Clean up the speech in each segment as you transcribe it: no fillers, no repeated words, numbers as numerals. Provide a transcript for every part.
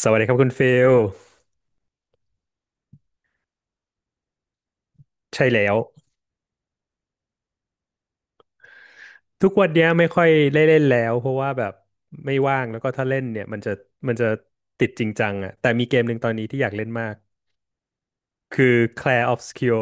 สวัสดีครับคุณฟิลใช่แล้ว ทุกวันเนี้ยไม่ค่อยได้เล่นแล้วเพราะว่าแบบไม่ว่างแล้วก็ถ้าเล่นเนี่ยมันจะติดจริงจังอ่ะแต่มีเกมหนึ่งตอนนี้ที่อยากเล่นมากคือ Clair Obscur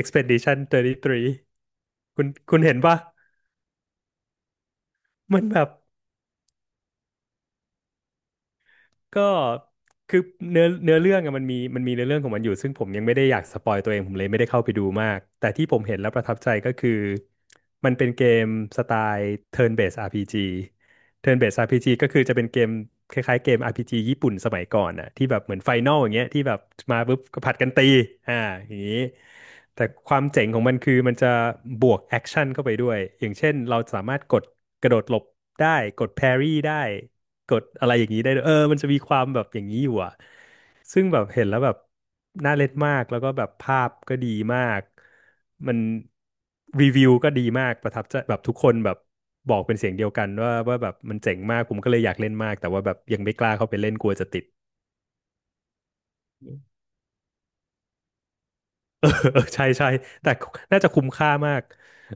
Expedition 33คุณเห็นปะมันแบบ ก็คือเนื้อเรื่องอะมันมีเนื้อเรื่องของมันอยู่ซึ่งผมยังไม่ได้อยากสปอยตัวเองผมเลยไม่ได้เข้าไปดูมากแต่ที่ผมเห็นแล้วประทับใจก็คือมันเป็นเกมสไตล์ Turn Based RPG Turn Based RPG ก็คือจะเป็นเกมคล้ายๆเกม RPG ญี่ปุ่นสมัยก่อนอ่ะที่แบบเหมือนไฟน a ลอย่างเงี้ยที่แบบมาปุ๊บก็ผัดกันตีอ่าอย่างนี้แต่ความเจ๋งของมันคือมันจะบวกแอคชั่นเข้าไปด้วยอย่างเช่นเราสามารถกดกระโดดหลบได้กดแพรี่ได้ กดอะไรอย่างนี้ได้ด้วยเออมันจะมีความแบบอย่างนี้อยู่อ่ะซึ่งแบบเห็นแล้วแบบน่าเล่นมาก แล้วก็แบบภาพก็ดีมาก มันรีวิวก็ดีมากประทับใจแบบทุกคนแบบบอกเป็นเสียงเดียวกันว่าว่าแบบมันเจ๋งมาก ผมก็เลยอยากเล่นมาก แต่ว่าแบบยังไม่กล้าเข้าไปเล่นกลัวจะติด เออใช่ใช่แต่น่าจะคุ้มค่ามาก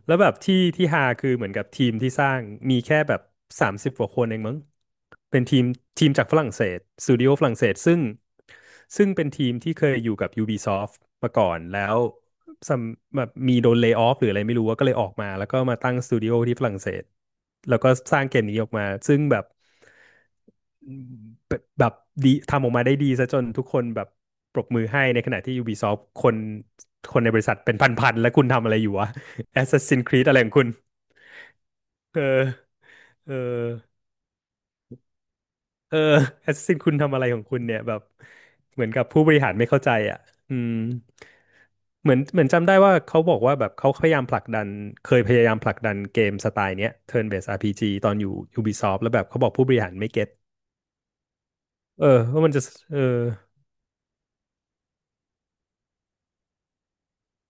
แล้วแบบที่ฮาคือเหมือนกับทีมที่สร้างมีแค่แบบ30 กว่าคนเองมั้งเป็นทีมจากฝรั่งเศสสตูดิโอฝรั่งเศสซึ่งเป็นทีมที่เคยอยู่กับ Ubisoft มาก่อนแล้วซัมแบบมีโดนเล y off หรืออะไรไม่รู้ว่าก็เลยออกมาแล้วก็มาตั้งสตูดิโอที่ฝรั่งเศสแล้วก็สร้างเกมนี้ออกมาซึ่งแบบ แบบดีทำออกมาได้ดีซะจนทุกคนแบบปรบมือให้ในขณะที่ Ubisoft คนในบริษัทเป็นพันๆแล้วคุณทำอะไรอยู่วะ Assassin's Creed อะไรของคุณเออ เออ เออ Assassin คุณทำอะไรของคุณเนี่ยแบบเหมือนกับผู้บริหารไม่เข้าใจอ่ะอืมเหมือนจำได้ว่าเขาบอกว่าแบบเขาพยายามผลักดันเคยพยายามผลักดันเกมสไตล์เนี้ย Turn-based RPG ตอนอยู่ Ubisoft แล้วแบบเขาบอกผู้บริหารไม่เก็ตเออว่ามันจะเออ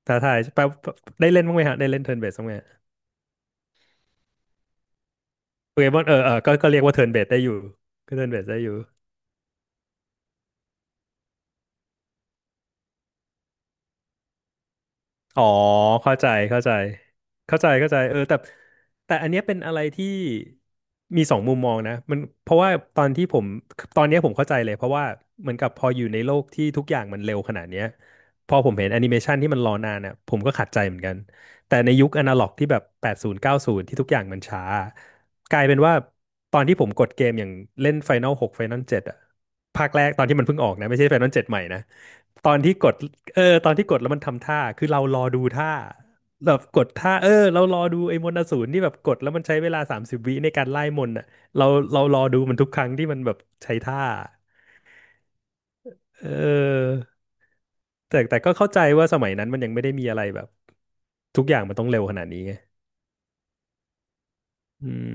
ท้าทายแปลได้เล่นบ้างไหมฮะได้เล่นเทิร์นเบสบ้างไหมโปเกมอนเออก็เรียกว่าเทิร์นเบสได้อยู่ก็เทิร์นเบสได้อยู่ อ๋อเข้าใจเข้าใจเข้าใจเข้าใจเออแต่แต่อันเนี้ยเป็นอะไรที่มีสองมุมมองนะมันเพราะว่าตอนที่ผมตอนเนี้ยผมเข้าใจเลยเพราะว่าเหมือนกับพออยู่ในโลกที่ทุกอย่างมันเร็วขนาดเนี้ยพอผมเห็นแอนิเมชันที่มันรอนานอ่ะผมก็ขัดใจเหมือนกันแต่ในยุคอนาล็อกที่แบบแปดศูนย์เก้าศูนย์ที่ทุกอย่างมันช้ากลายเป็นว่าตอนที่ผมกดเกมอย่างเล่นไฟน a ลหกไฟน a ลเจ็ดอ่ะภาคแรกตอนที่มันเพิ่งออกนะไม่ใช่ไฟน a ลเจ็ดใหม่นะ ตอนที่กดเออตอนที่กดแล้วมันทำท่า คือเรารอดูท่าแบบกดท่า เออเรารอดูไอ้มนต์อสูรที่แบบกดแล้วมันใช้เวลา30 วิในการไล่มนต์อ่ะเราเรารอดูมันทุกครั้งที่มันแบบใช้ท่าเออแต่แต่ก็เข้าใจว่าสมัยนั้นมันยังไม่ได้มีอะไรแบบทุกอย่างมันต้องเร็วขนาดนี้ไงอืม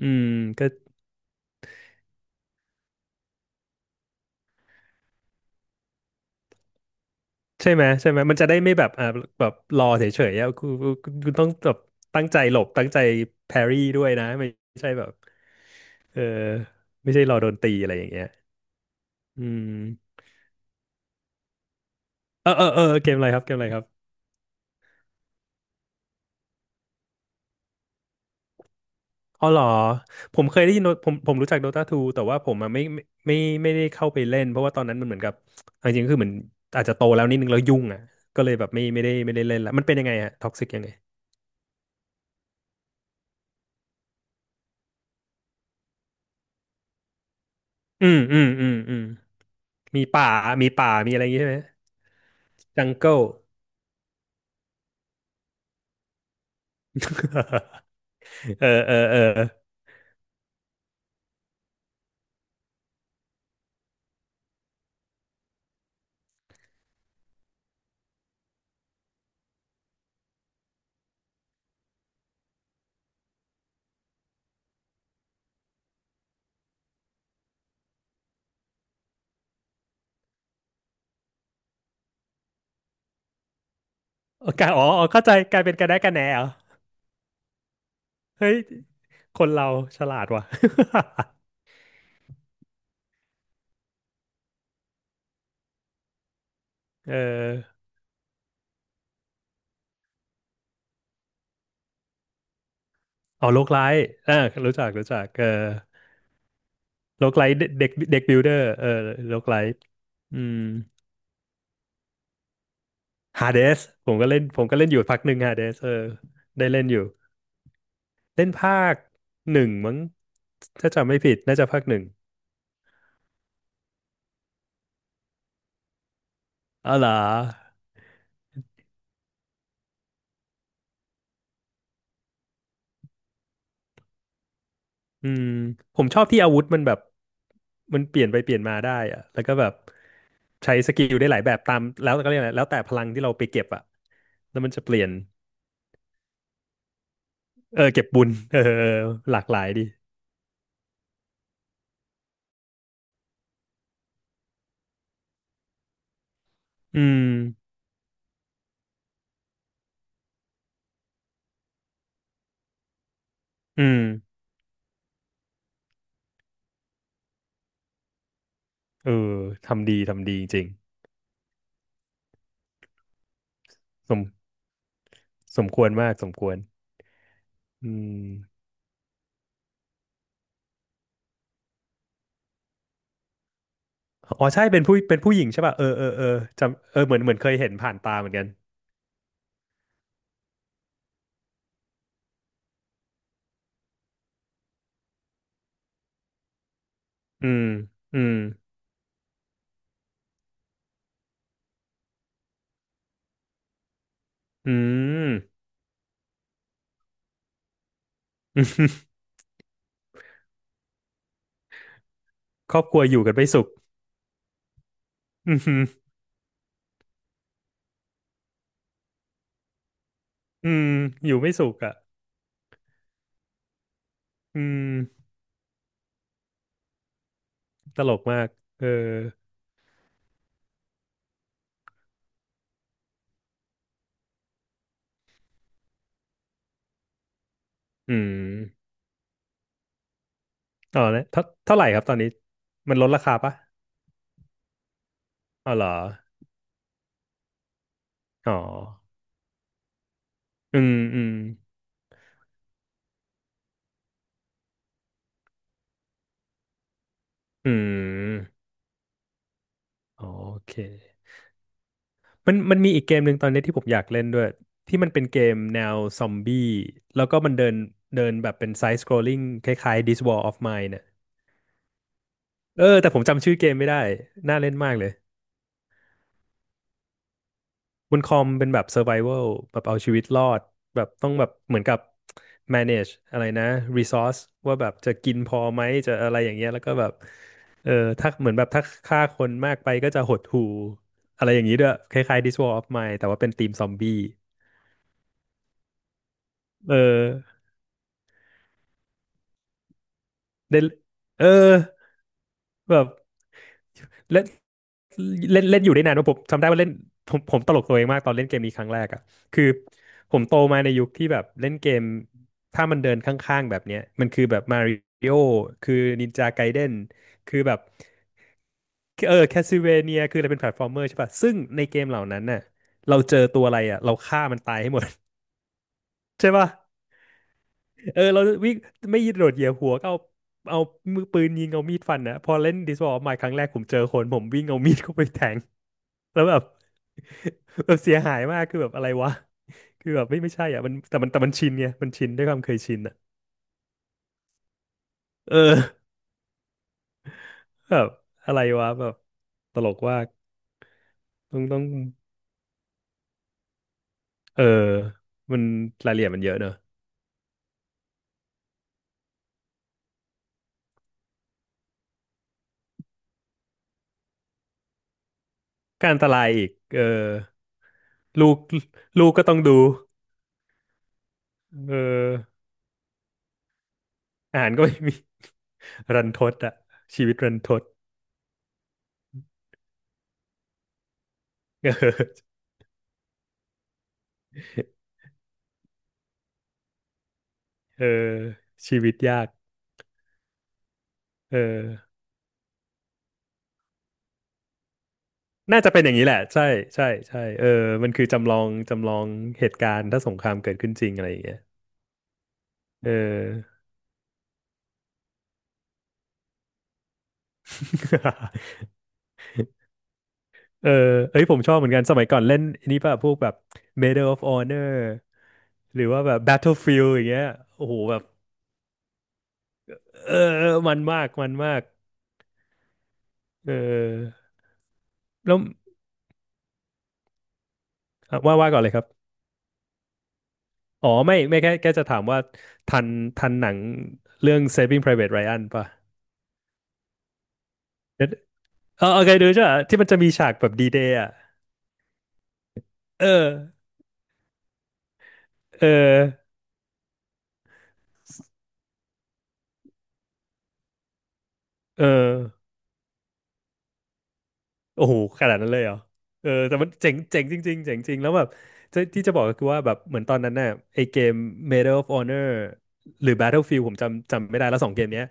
อืมก็ใช่ไหมมันจะได้ไม่แบบแบบรอเฉยๆอ่ะคุณต้องแบบตั้งใจหลบตั้งใจแพรรี่ด้วยนะไม่ใช่แบบ เออไม่ใช่รอโดนตีอะไรอย่างเงี้ยอืมเออเกมอะไรครับเกมอะไรครับอ๋อเหรอผมเคยได้ยิน Dota- ผมรู้จัก Dota 2แต่ว่าผมอะไม่ได้เข้าไปเล่นเพราะว่าตอนนั้นมันเหมือนกับเอาจริงๆคือเหมือนอาจจะโตแล้วนิดนึงแล้วยุ่งอ่ะก็เลยแบบไม่ได้เล่นละมันเป็นยังไงฮะท็อกซิกยังไงอืมมีป่ามีป่ามีอะไรอย่างงี้ใช่ไหมจังเกิล เออเอาการอ๋อเข้าใจกลายเป็นกระแนะกระแหนเหรอเฮ้ยคนเราฉลาดว่ะ เออ อ๋อโลกไลท์อ่ารู้จักเออโลกไลท์เด็กเด็กบิลเดอร์เออโลกไลท์อืมฮาเดสผมก็เล่นอยู่พักหนึ่งฮาเดสเออได้เล่นอยู่เล่นภาคหนึ่งมั้งถ้าจำไม่ผิดน่าจะภาคหนึ่งอ๋อเหรออืมผมชอบที่อาวุธมันแบบมันเปลี่ยนไปเปลี่ยนมาได้อะแล้วก็แบบใช้สกิลได้หลายแบบตามแล้วก็เรียกอะไรแล้วแต่พลังที่เราไปเก็บอะแล้วมันจะเปลี่ยนเออเก็บบุญเออเออหลากหลายดีอืมอืม เออทำดีจริงๆสมควรมากสมควรอืมอ๋อใช่เป็นผู้หญิงใช่ป่ะเออเออเออจำเออเหมือนเคยเห็นผ่านตาเหมือนกันอืมอืมอืม ครอบครัวอยู่กันไม่สุขอืมอืมอยู่ไม่สุขอ่ะอืมตลกมากเอออืมอ๋อแล้วเท่าไหร่ครับตอนนี้มันลดราคาปะอ๋อเหรออ๋ออืมอืมอืมโอเค มันมีอีกเกมหนึ่งตอนนี้ที่ผมอยากเล่นด้วยที่มันเป็นเกมแนวซอมบี้แล้วก็มันเดินเดินแบบเป็นไซส์สครอลลิ่งคล้ายๆ This War of Mine เน่ยเออแต่ผมจำชื่อเกมไม่ได้น่าเล่นมากเลยบนคอมเป็นแบบ Survival แบบเอาชีวิตรอดแบบต้องแบบเหมือนกับ manage อะไรนะ resource ว่าแบบจะกินพอไหมจะอะไรอย่างเงี้ยแล้วก็แบบเออถ้าเหมือนแบบถ้าฆ่าคนมากไปก็จะหดหู่อะไรอย่างนี้ด้วยคล้ายๆ This War of Mine แต่ว่าเป็นธีมซอมบี้เออ เล่นเออแบบเล่นเล่นเล่นอยู่ได้นานว่าผมจำได้ว่าเล่นผมตลกตัวเองมากตอนเล่นเกมนี้ครั้งแรกอ่ะคือผมโตมาในยุคที่แบบเล่นเกมถ้ามันเดินข้างๆแบบเนี้ยมันคือแบบมาริโอคือนินจาไกเด n นคือแบบเออแคสซิเวเนียคืออะไรเป็นแพลตฟอร์มเมอร์ใช่ป่ะซึ่งในเกมเหล่านั้นน่ะเราเจอตัวอะไรอ่ะเราฆ่ามันตายให้หมด ใช่ป่ะ เออเราวิ่งไม่ยิงโดดเหยียบหัวก็เอาเอามือปืนยิงเอามีดฟันนะพอเล่นดิสวอลใหม่ครั้งแรกผมเจอคนผมวิ่งเอามีดเข้าไปแทง แล้วแบบ แบบเสียหายมากคือแบบอะไรวะคือแบบไม่ใช่อ่ะมันแต่มันชินไงมันชินด้วยความเคยชินอ่ะเออแบบอะไรวะแบบตลกว่ากต้องเออมันรายละเอียดมันเยอะเนอะการอันตรายอีกเออลูกลูกก็ต้องดูเอออาหารก็ไม่มี รันทดอ่ะชีวิตรันทด เออเออชีวิตยากเออน่าจะเป็นอย่างนี้แหละใช่ใช่ใช่เออมันคือจำลองเหตุการณ์ถ้าสงครามเกิดขึ้นจริงอะไรอย่างเงี้ยเออ เออเอ้ยผมชอบเหมือนกันสมัยก่อนเล่นอันนี้ป่ะพวกแบบ Medal of Honor หรือว่าแบบ Battlefield อย่างเงี้ยโอ้โหแบบเออมันมากเออแล้วอ่ะว่าก่อนเลยครับอ๋อไม่ไม่แค่จะถามว่าทันหนังเรื่อง Saving Private Ryan ป่ะ เออเอาเคยดูใช่ไหะที่มันจะมีฉากแบบดีเดย์อ่ะ เออ เออ เออ โอ้โห ขนาดนั้นเลยเหรอเออแต่มันเจ๋งเจ๋งจริงๆเจ๋งจริงแล้วแบบที่จะบอกก็คือว่าแบบเหมือนตอนนั้นน่ะไอเกม Medal of Honor หรือ Battlefield ผมจำไม่ได้แล้วสองเกมเนี้ย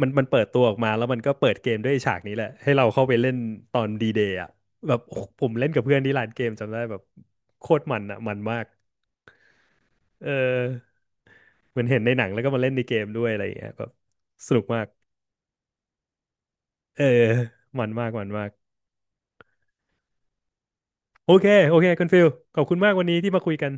มันเปิดตัวออกมาแล้วมันก็เปิดเกมด้วยฉากนี้แหละให้เราเข้าไปเล่นตอนดีเดย์อ่ะแบบโอ้โหผมเล่นกับเพื่อนที่ร้านเกมจำได้แบบโคตรมันอ่ะมันมากเออเหมือนเห็นในหนังแล้วก็มาเล่นในเกมด้วยอะไรอย่างเงี้ยแบบสนุกมาก เออมันมากโอเคโอเคคุณฟิลขอบคุณมากวันนี้ที่มาคุยกัน